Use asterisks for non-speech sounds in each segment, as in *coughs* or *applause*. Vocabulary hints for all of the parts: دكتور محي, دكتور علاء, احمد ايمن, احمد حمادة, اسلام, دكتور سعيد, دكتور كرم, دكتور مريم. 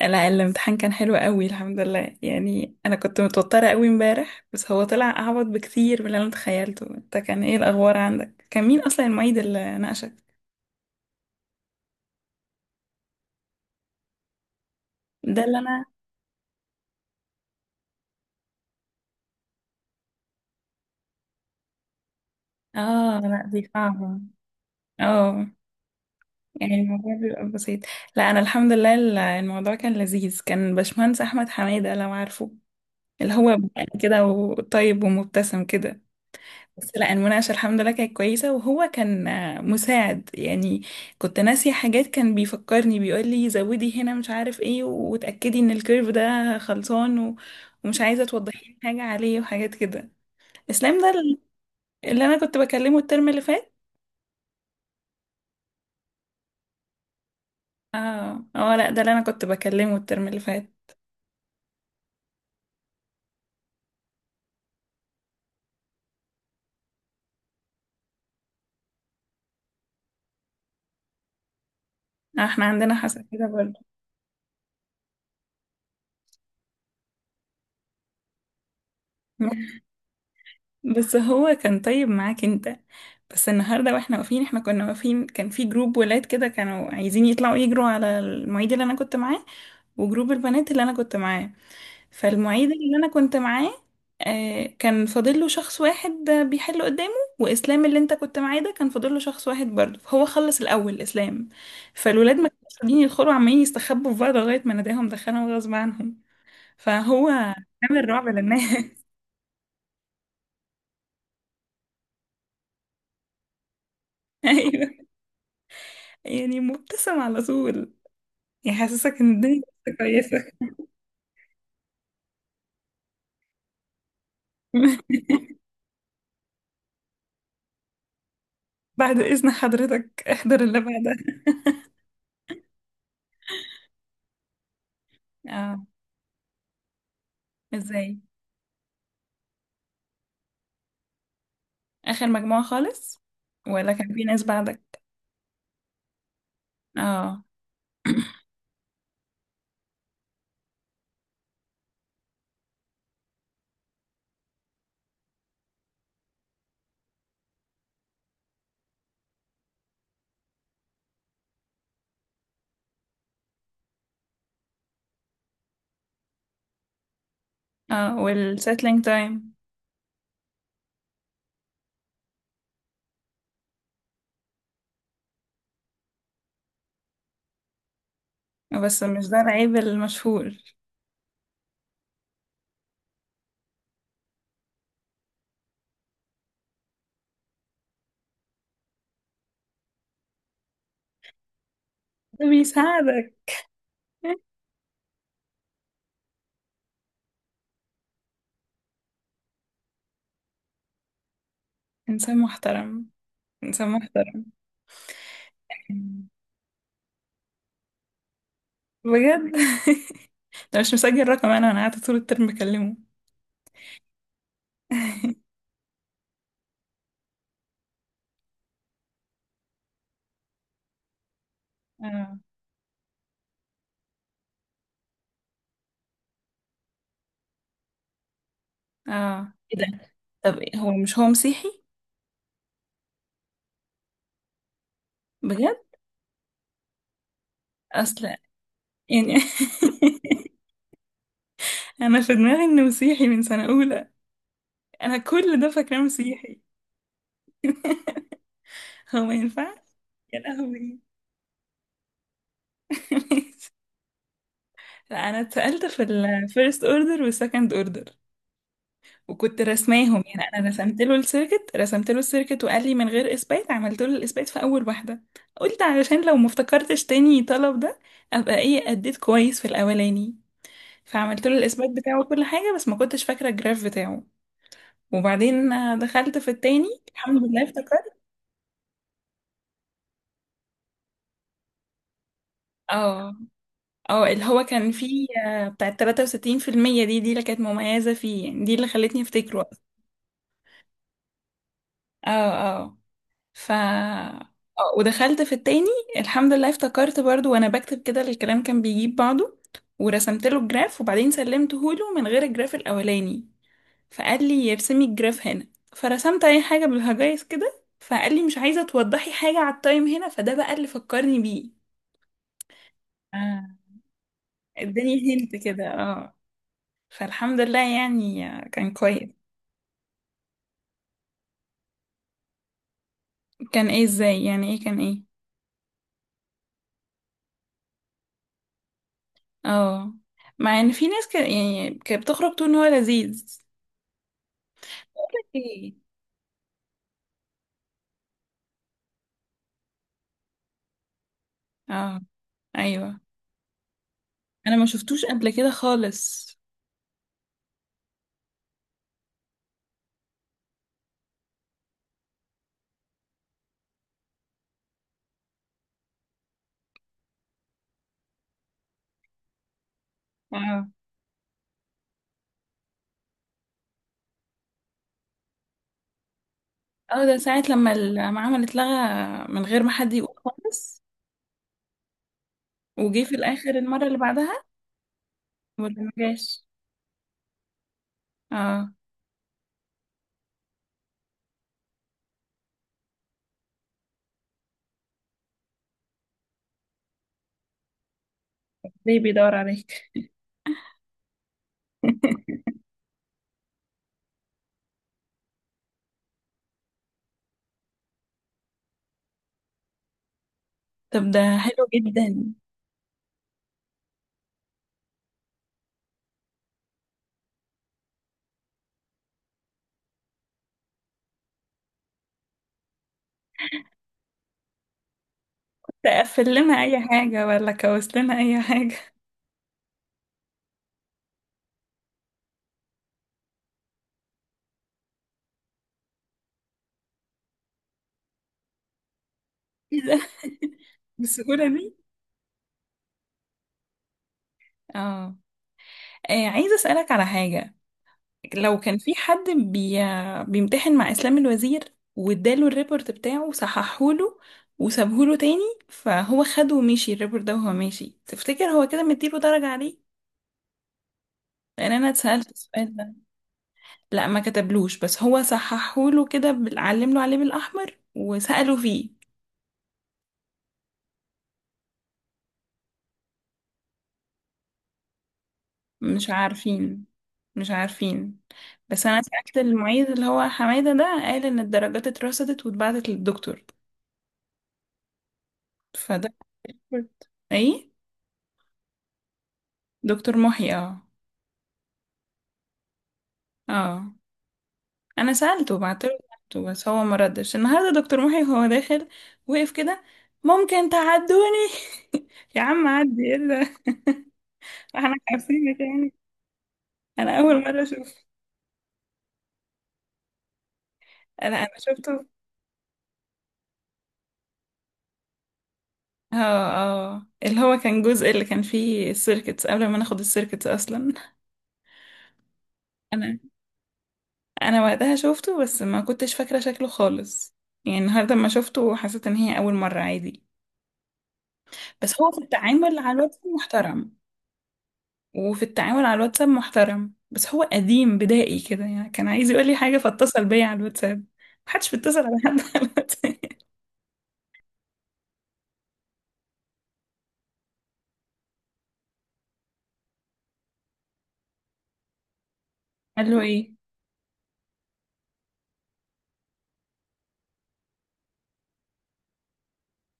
لا، الامتحان كان حلو قوي، الحمد لله. يعني انا كنت متوترة قوي امبارح، بس هو طلع اعبط بكتير من اللي انا تخيلته. انت كان ايه الاخبار عندك؟ كان مين اصلا المعيد اللي ناقشك؟ ده اللي انا... اه، لا، دي صعبة. اه، يعني الموضوع بيبقى بسيط. لا، انا الحمد لله، الموضوع كان لذيذ. كان باشمهندس احمد حمادة، لو عارفه، اللي هو بقى كده وطيب ومبتسم كده. بس لا، المناقشة الحمد لله كانت كويسة، وهو كان مساعد يعني. كنت ناسية حاجات، كان بيفكرني، بيقول لي زودي هنا، مش عارف ايه، وتأكدي ان الكيرف ده خلصان، ومش عايزة توضحي لي حاجة عليه، وحاجات كده. اسلام ده اللي انا كنت بكلمه الترم اللي فات. اه، اه، لا، ده اللي انا كنت بكلمه الترم اللي فات. احنا عندنا حساسية برضه. بس هو كان طيب معاك انت. بس النهارده واحنا واقفين احنا كنا واقفين، كان في جروب ولاد كده كانوا عايزين يطلعوا يجروا على المعيد اللي انا كنت معاه، وجروب البنات اللي انا كنت معاه. فالمعيد اللي انا كنت معاه كان فاضل له شخص واحد بيحل قدامه، واسلام اللي انت كنت معاه ده كان فاضل له شخص واحد برضه، فهو خلص الاول اسلام. فالولاد ما كانوش قاعدين يدخلوا، عمالين يستخبوا في بعض لغايه ما ناداهم دخلهم غصب عنهم. فهو عامل رعب للناس. *laughs* ايوه. يعني مبتسم على طول، يحسسك ان الدنيا لسه كويسة. *laughs* بعد إذن حضرتك احضر اللي بعدها. اه. ازاي؟ آخر مجموعة خالص، ولا كان في ناس بعدك؟ اه. *coughs* *clears throat* اه، والسيتلينج تايم. بس مش ده العيب المشهور؟ ده بيساعدك. انسان محترم. انسان محترم. بجد. *laughs* ده مش مسجل رقم، انا قاعدة طول الترم بكلمه. *laughs* اه، اه، ايه ده؟ طب إيه، مش هو مسيحي؟ بجد؟ اصل، يعني... *laughs* انا في دماغي انه مسيحي من سنة اولى. انا كل ده فاكراه مسيحي. *laughs* هو ما ينفعش. يا لهوي. *laughs* ماشي. لا، انا اتسألت في الفيرست اوردر والسكند اوردر، وكنت رسماهم. يعني انا رسمت له السيركت، وقال لي من غير اثبات، عملت له الاثبات في اول واحده. قلت علشان لو ما افتكرتش تاني طلب ده، ابقى ايه اديت كويس في الاولاني. فعملت له الاثبات بتاعه كل حاجه، بس ما كنتش فاكره الجراف بتاعه. وبعدين دخلت في التاني، الحمد لله افتكرت. اه، اه، اللي هو كان فيه بتاع 63% دي اللي كانت مميزة فيه، يعني دي اللي خلتني افتكره أصلاً. اه، اه. ف آه، ودخلت في التاني، الحمد لله افتكرت برضو. وانا بكتب كده الكلام كان بيجيب بعضه. ورسمت له الجراف، وبعدين سلمته له من غير الجراف الاولاني، فقال لي ارسمي الجراف هنا. فرسمت اي حاجة بالهجايز كده، فقال لي مش عايزة توضحي حاجة على التايم هنا. فده بقى اللي فكرني بيه. آه. اداني هنت كده، اه. فالحمد لله يعني كان كويس. كان ايه؟ ازاي يعني؟ ايه كان ايه؟ اه. مع ان في ناس كان يعني كانت بتخرج تقول ان هو لذيذ. بقولك ايه. اه، ايوه، انا ما شفتوش قبل كده خالص. اه، اه. ده ساعة لما المعامل اتلغى من غير ما حد يقول خالص. وجي في الاخر المرة اللي بعدها. ولا ما جاش؟ اه. ليه بيدور عليك؟ *laughs* طب ده حلو جدا. تقفل لنا اي حاجة ولا كوس لنا اي حاجة؟ إيه ده؟ *laughs* بالسهولة دي. اه. عايزة أسألك على حاجة. لو كان في حد بيمتحن مع إسلام الوزير، واداله الريبورت بتاعه وصححهوله وسابهوله تاني، فهو خده ومشي الريبورت ده وهو ماشي، تفتكر هو كده مديله درجة عليه؟ لأن أنا اتسألت السؤال ده. لا، ما كتبلوش، بس هو صححهوله كده، علمله عليه بالأحمر وسأله فيه. مش عارفين. مش عارفين. بس انا سألت المعيد اللي هو حمادة ده، قال ان الدرجات اترصدت واتبعتت للدكتور. فده ايه؟ دكتور محي، اه. اه. انا سألته، بعت له سألته، بس هو ما ردش. النهارده دكتور محي وهو داخل وقف كده، ممكن تعدوني؟ *laughs* يا عم عدي، ايه ده. احنا عارفينك يعني. انا اول مرة اشوف. انا شفته. اه، اه، اللي هو كان جزء اللي كان فيه السيركتس قبل ما ناخد السيركتس اصلا. انا انا وقتها شفته، بس ما كنتش فاكرة شكله خالص. يعني النهاردة ما شفته، حسيت ان هي اول مرة، عادي. بس هو في التعامل على الواتساب محترم. وفي التعامل على الواتساب محترم، بس هو قديم بدائي كده، يعني كان عايز يقول لي حاجة فاتصل بيا على الواتساب. محدش بيتصل على حد على الواتساب. *laughs* قال له ايه؟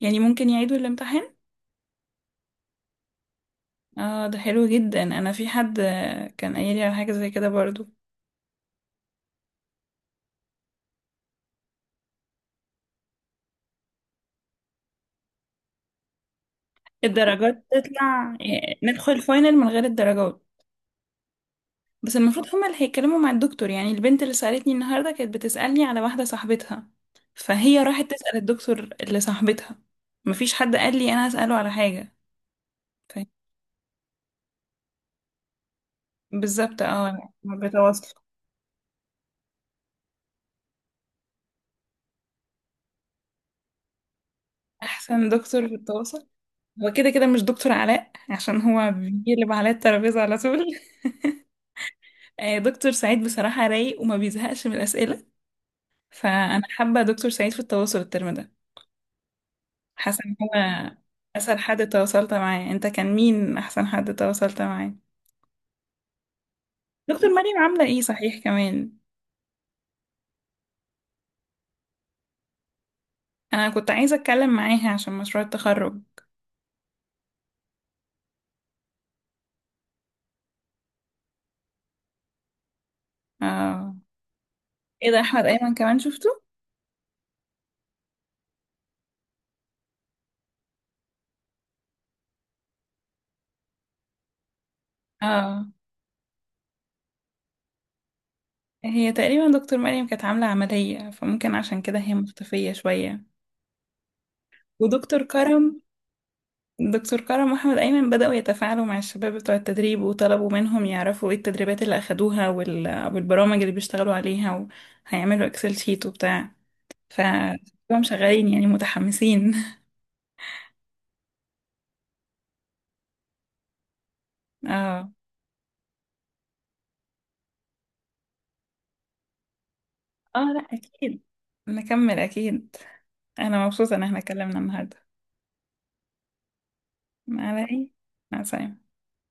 يعني ممكن يعيدوا الامتحان؟ اه، ده حلو جدا. انا في حد كان قايل لي على حاجة زي كده برضو. الدرجات تطلع، ندخل الفاينل من غير الدرجات. بس المفروض هما اللي هيتكلموا مع الدكتور، يعني البنت اللي سألتني النهاردة كانت بتسألني على واحدة صاحبتها، فهي راحت تسأل الدكتور اللي صاحبتها. مفيش حد قال لي أنا أسأله على حاجة. ف- بالظبط، اه، ما بتواصل. أحسن دكتور في التواصل هو كده كده مش دكتور علاء، عشان هو بيقلب على الترابيزة على طول. *laughs* دكتور سعيد بصراحة رايق وما بيزهقش من الأسئلة، فأنا حابة دكتور سعيد في التواصل الترم ده. حاسة إن هو أسهل حد تواصلت معاه. أنت كان مين أحسن حد تواصلت معاه؟ دكتور مريم عاملة ايه صحيح كمان؟ انا كنت عايزة اتكلم معاها عشان مشروع التخرج. اه، ايه ده، احمد ايمن كمان شفته. اه. هي تقريبا دكتور مريم كانت عاملة عملية، فممكن عشان كده هي مختفية شوية. ودكتور كرم دكتور كرم واحمد ايمن بدأوا يتفاعلوا مع الشباب بتوع التدريب، وطلبوا منهم يعرفوا ايه التدريبات اللي اخدوها، والبرامج اللي بيشتغلوا عليها، وهيعملوا اكسل شيت وبتاع. ف هم شغالين يعني متحمسين. *laughs* اه، اه، لا، اكيد. نكمل اكيد. انا مبسوطة ان احنا اتكلمنا النهاردة. ما على ايه. مع السلامة.